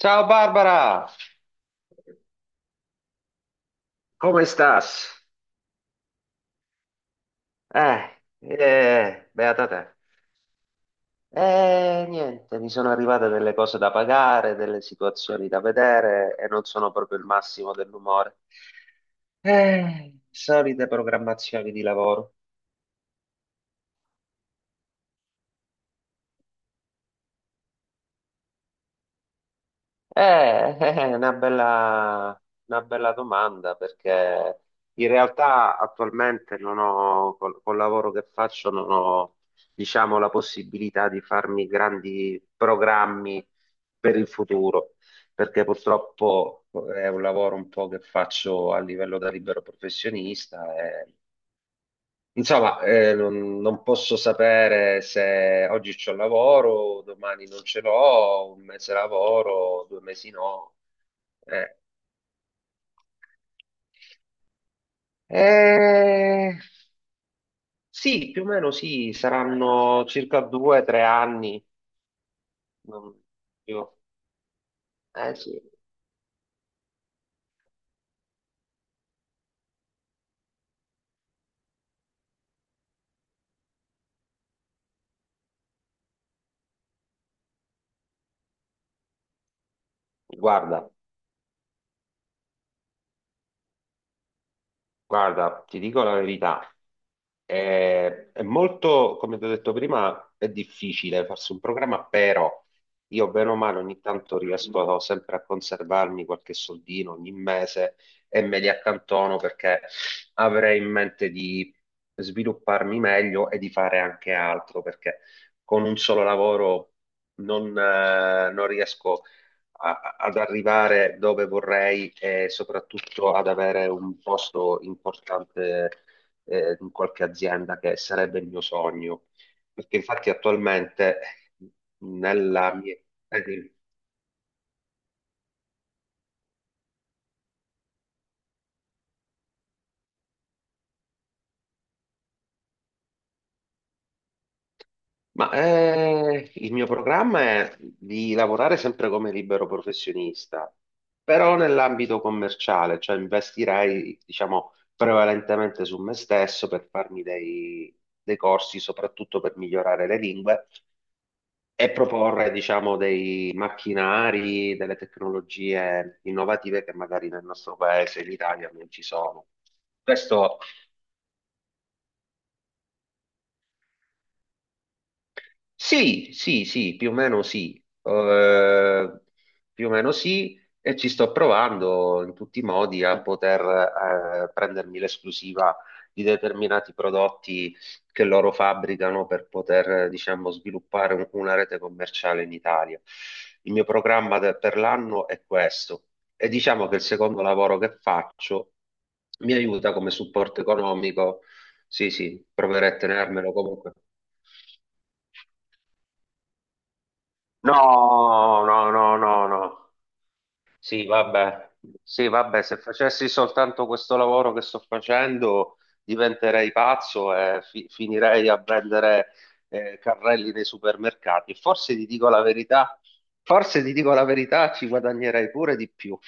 Ciao Barbara. Come stas? Beata te. Niente, mi sono arrivate delle cose da pagare, delle situazioni da vedere e non sono proprio il massimo dell'umore. Solite programmazioni di lavoro. È una bella domanda perché in realtà attualmente non ho, col lavoro che faccio, non ho, diciamo, la possibilità di farmi grandi programmi per il futuro, perché purtroppo è un lavoro un po' che faccio a livello da libero professionista e insomma, non posso sapere se oggi c'ho lavoro, domani non ce l'ho, un mese lavoro, due mesi no. Eh, eh, sì, più o meno sì, saranno circa 2 o 3 anni. Non- io- eh sì, guarda, guarda, ti dico la verità, è molto, come ti ho detto prima, è difficile farsi un programma, però io bene o male ogni tanto riesco sempre a conservarmi qualche soldino ogni mese e me li accantono perché avrei in mente di svilupparmi meglio e di fare anche altro, perché con un solo lavoro non riesco ad arrivare dove vorrei e soprattutto ad avere un posto importante in qualche azienda che sarebbe il mio sogno. Perché infatti attualmente nella mia... dimmi. Ma il mio programma è di lavorare sempre come libero professionista, però nell'ambito commerciale, cioè investirei, diciamo, prevalentemente su me stesso per dei corsi, soprattutto per migliorare le lingue e proporre, diciamo, dei macchinari, delle tecnologie innovative che magari nel nostro paese, in Italia, non ci sono. Questo Sì, sì, più o meno sì. Eh, Più o meno sì, e ci sto provando in tutti i modi a poter prendermi l'esclusiva di determinati prodotti che loro fabbricano per poter, diciamo, sviluppare una rete commerciale in Italia. Il mio programma per l'anno è questo e diciamo che il secondo lavoro che faccio mi aiuta come supporto economico. Sì, proverò a tenermelo comunque. No, no. Sì, vabbè. Sì, vabbè, se facessi soltanto questo lavoro che sto facendo, diventerei pazzo e finirei a vendere carrelli nei supermercati. Forse ti dico la verità, ci guadagnerei pure di più.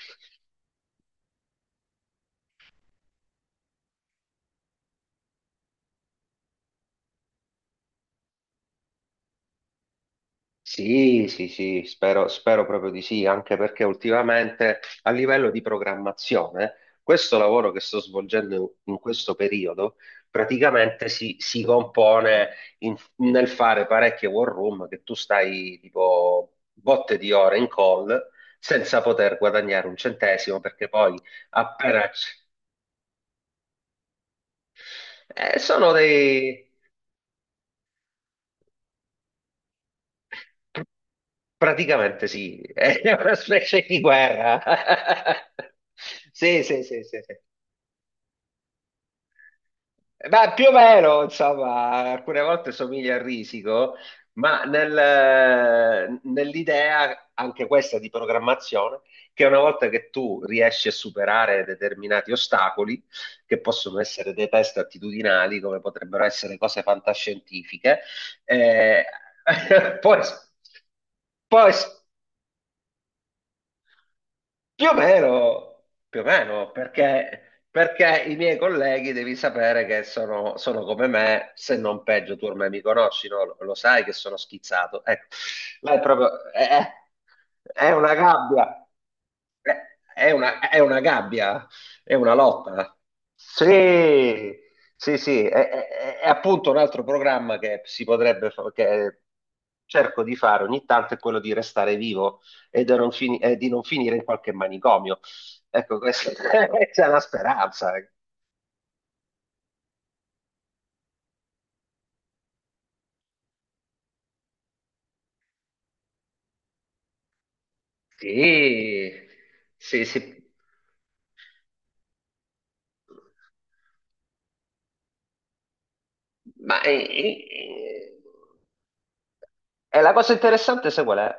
Sì, sì, spero, spero proprio di sì, anche perché ultimamente a livello di programmazione, questo lavoro che sto svolgendo in questo periodo praticamente si compone nel fare parecchie war room che tu stai tipo botte di ore in call senza poter guadagnare un centesimo perché poi appena... sono dei... Praticamente sì, è una specie di guerra. Sì, sì. Ma più o meno, insomma, alcune volte somiglia a risico, ma nell'idea anche questa di programmazione, che una volta che tu riesci a superare determinati ostacoli, che possono essere dei test attitudinali, come potrebbero essere cose fantascientifiche, eh, poi, poi più o meno, perché, i miei colleghi devi sapere che sono, sono come me, se non peggio, tu ormai mi conosci, no? Lo sai che sono schizzato. Ecco, là è proprio, è una gabbia, è, è è una gabbia, è una lotta. Sì, sì, è appunto un altro programma che si potrebbe, che cerco di fare ogni tanto, è quello di restare vivo e di non finire in qualche manicomio. Ecco, questa questa è una speranza. Sì, sì. Ma e la cosa interessante, sai qual è?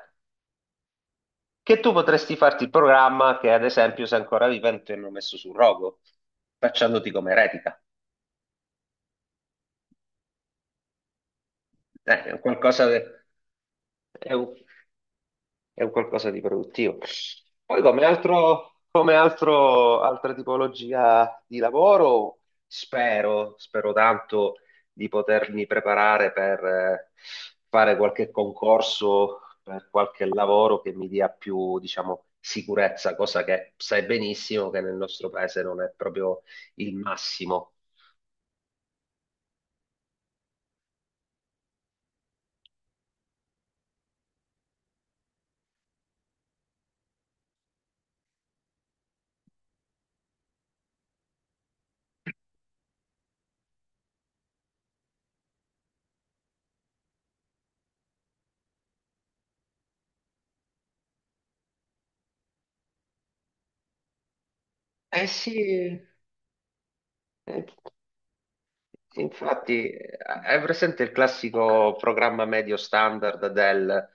Che tu potresti farti il programma che, ad esempio, se ancora vivente hanno messo sul rogo, facciandoti come eretica. È un qualcosa che... è è un qualcosa di produttivo. Poi come altro, come altra tipologia di lavoro, spero, spero tanto di potermi preparare per fare qualche concorso, per qualche lavoro che mi dia più, diciamo, sicurezza, cosa che sai benissimo che nel nostro paese non è proprio il massimo. Eh sì, eh, sì, infatti, hai presente il classico programma medio standard del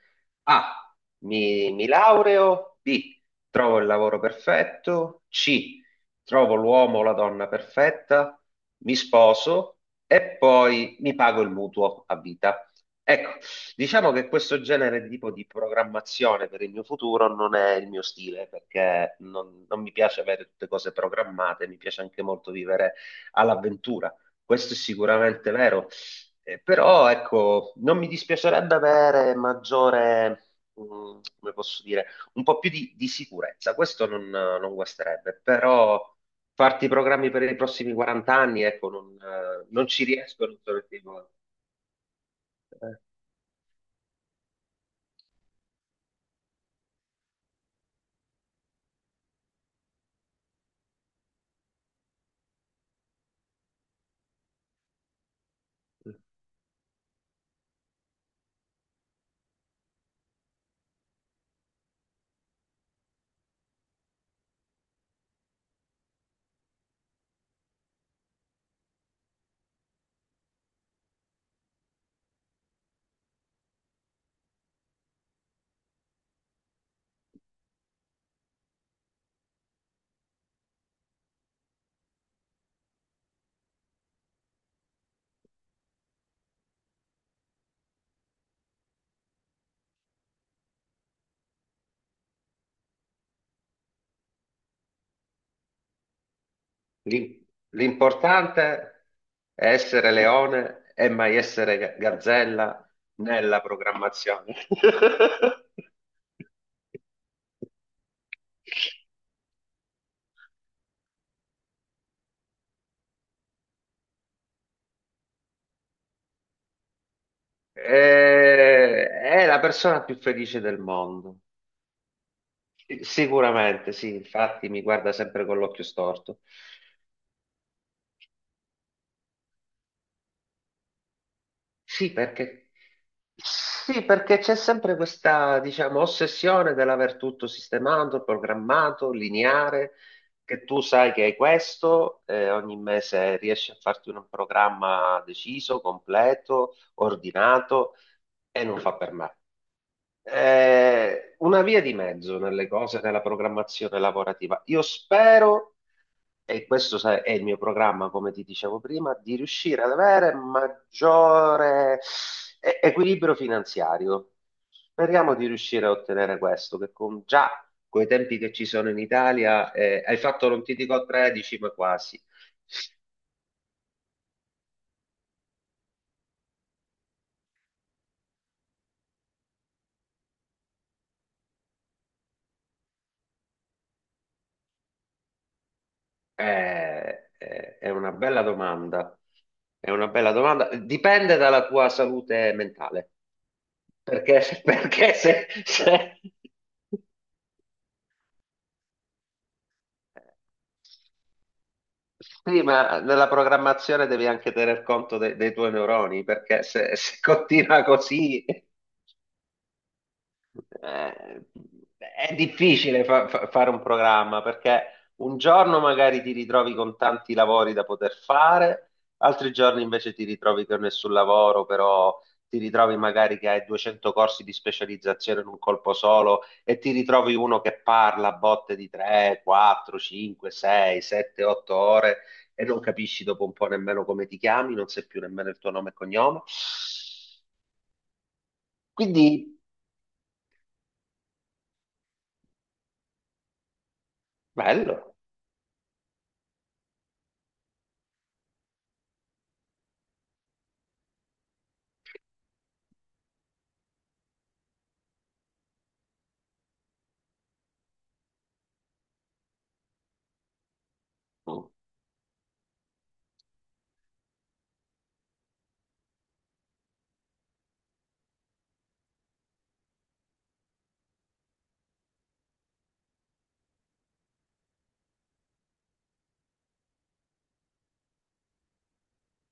A, mi laureo, B, trovo il lavoro perfetto, C, trovo l'uomo o la donna perfetta, mi sposo e poi mi pago il mutuo a vita. Ecco, diciamo che questo genere di tipo di programmazione per il mio futuro non è il mio stile, perché non mi piace avere tutte cose programmate, mi piace anche molto vivere all'avventura. Questo è sicuramente vero. Però ecco, non mi dispiacerebbe avere maggiore, mm, come posso dire, un po' più di sicurezza, questo non guasterebbe, però farti i programmi per i prossimi 40 anni, ecco, non ci riesco, non sono il tipo. Eh, l'im- L'importante è essere leone e mai essere gazzella nella programmazione. È la persona più felice del mondo. Sicuramente, sì, infatti mi guarda sempre con l'occhio storto. Sì, perché sì, perché c'è sempre questa, diciamo, ossessione dell'aver tutto sistemato, programmato, lineare, che tu sai che hai questo, ogni mese riesci a farti un programma deciso, completo, ordinato, e non fa per me. Una via di mezzo nelle cose, nella programmazione lavorativa. Io spero, e questo sai, è il mio programma, come ti dicevo prima, di riuscire ad avere maggiore equilibrio finanziario. Speriamo di riuscire a ottenere questo, che con già coi tempi che ci sono in Italia, hai fatto non ti dico 13, ma quasi. È una bella domanda. È una bella domanda. Dipende dalla tua salute mentale. Perché, sì, ma nella programmazione devi anche tener conto dei tuoi neuroni, perché se continua così... Eh, è difficile fare un programma perché un giorno magari ti ritrovi con tanti lavori da poter fare, altri giorni invece ti ritrovi con nessun lavoro, però ti ritrovi magari che hai 200 corsi di specializzazione in un colpo solo e ti ritrovi uno che parla a botte di 3, 4, 5, 6, 7, 8 ore e non capisci dopo un po' nemmeno come ti chiami, non sai più nemmeno il tuo nome e cognome. Quindi, bello,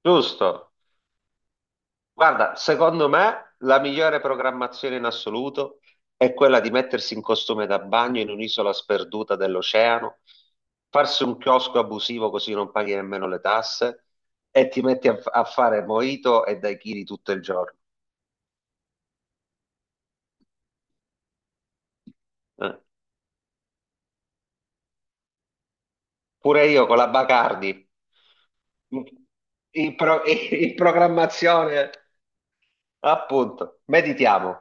giusto. Guarda, secondo me la migliore programmazione in assoluto è quella di mettersi in costume da bagno in un'isola sperduta dell'oceano, farsi un chiosco abusivo così non paghi nemmeno le tasse e ti metti a fare mojito e daiquiri tutto il giorno. Eh. Pure io con la Bacardi in, in in programmazione, appunto, meditiamo.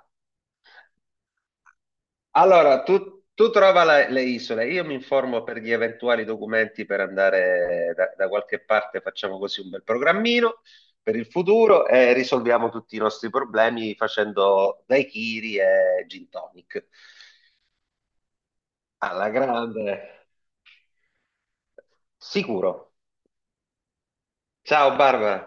Allora, tu trova le isole, io mi informo per gli eventuali documenti per andare da, qualche parte, facciamo così un bel programmino per il futuro e risolviamo tutti i nostri problemi facendo daiquiri e gin tonic. Alla grande, sicuro. Ciao Barbara.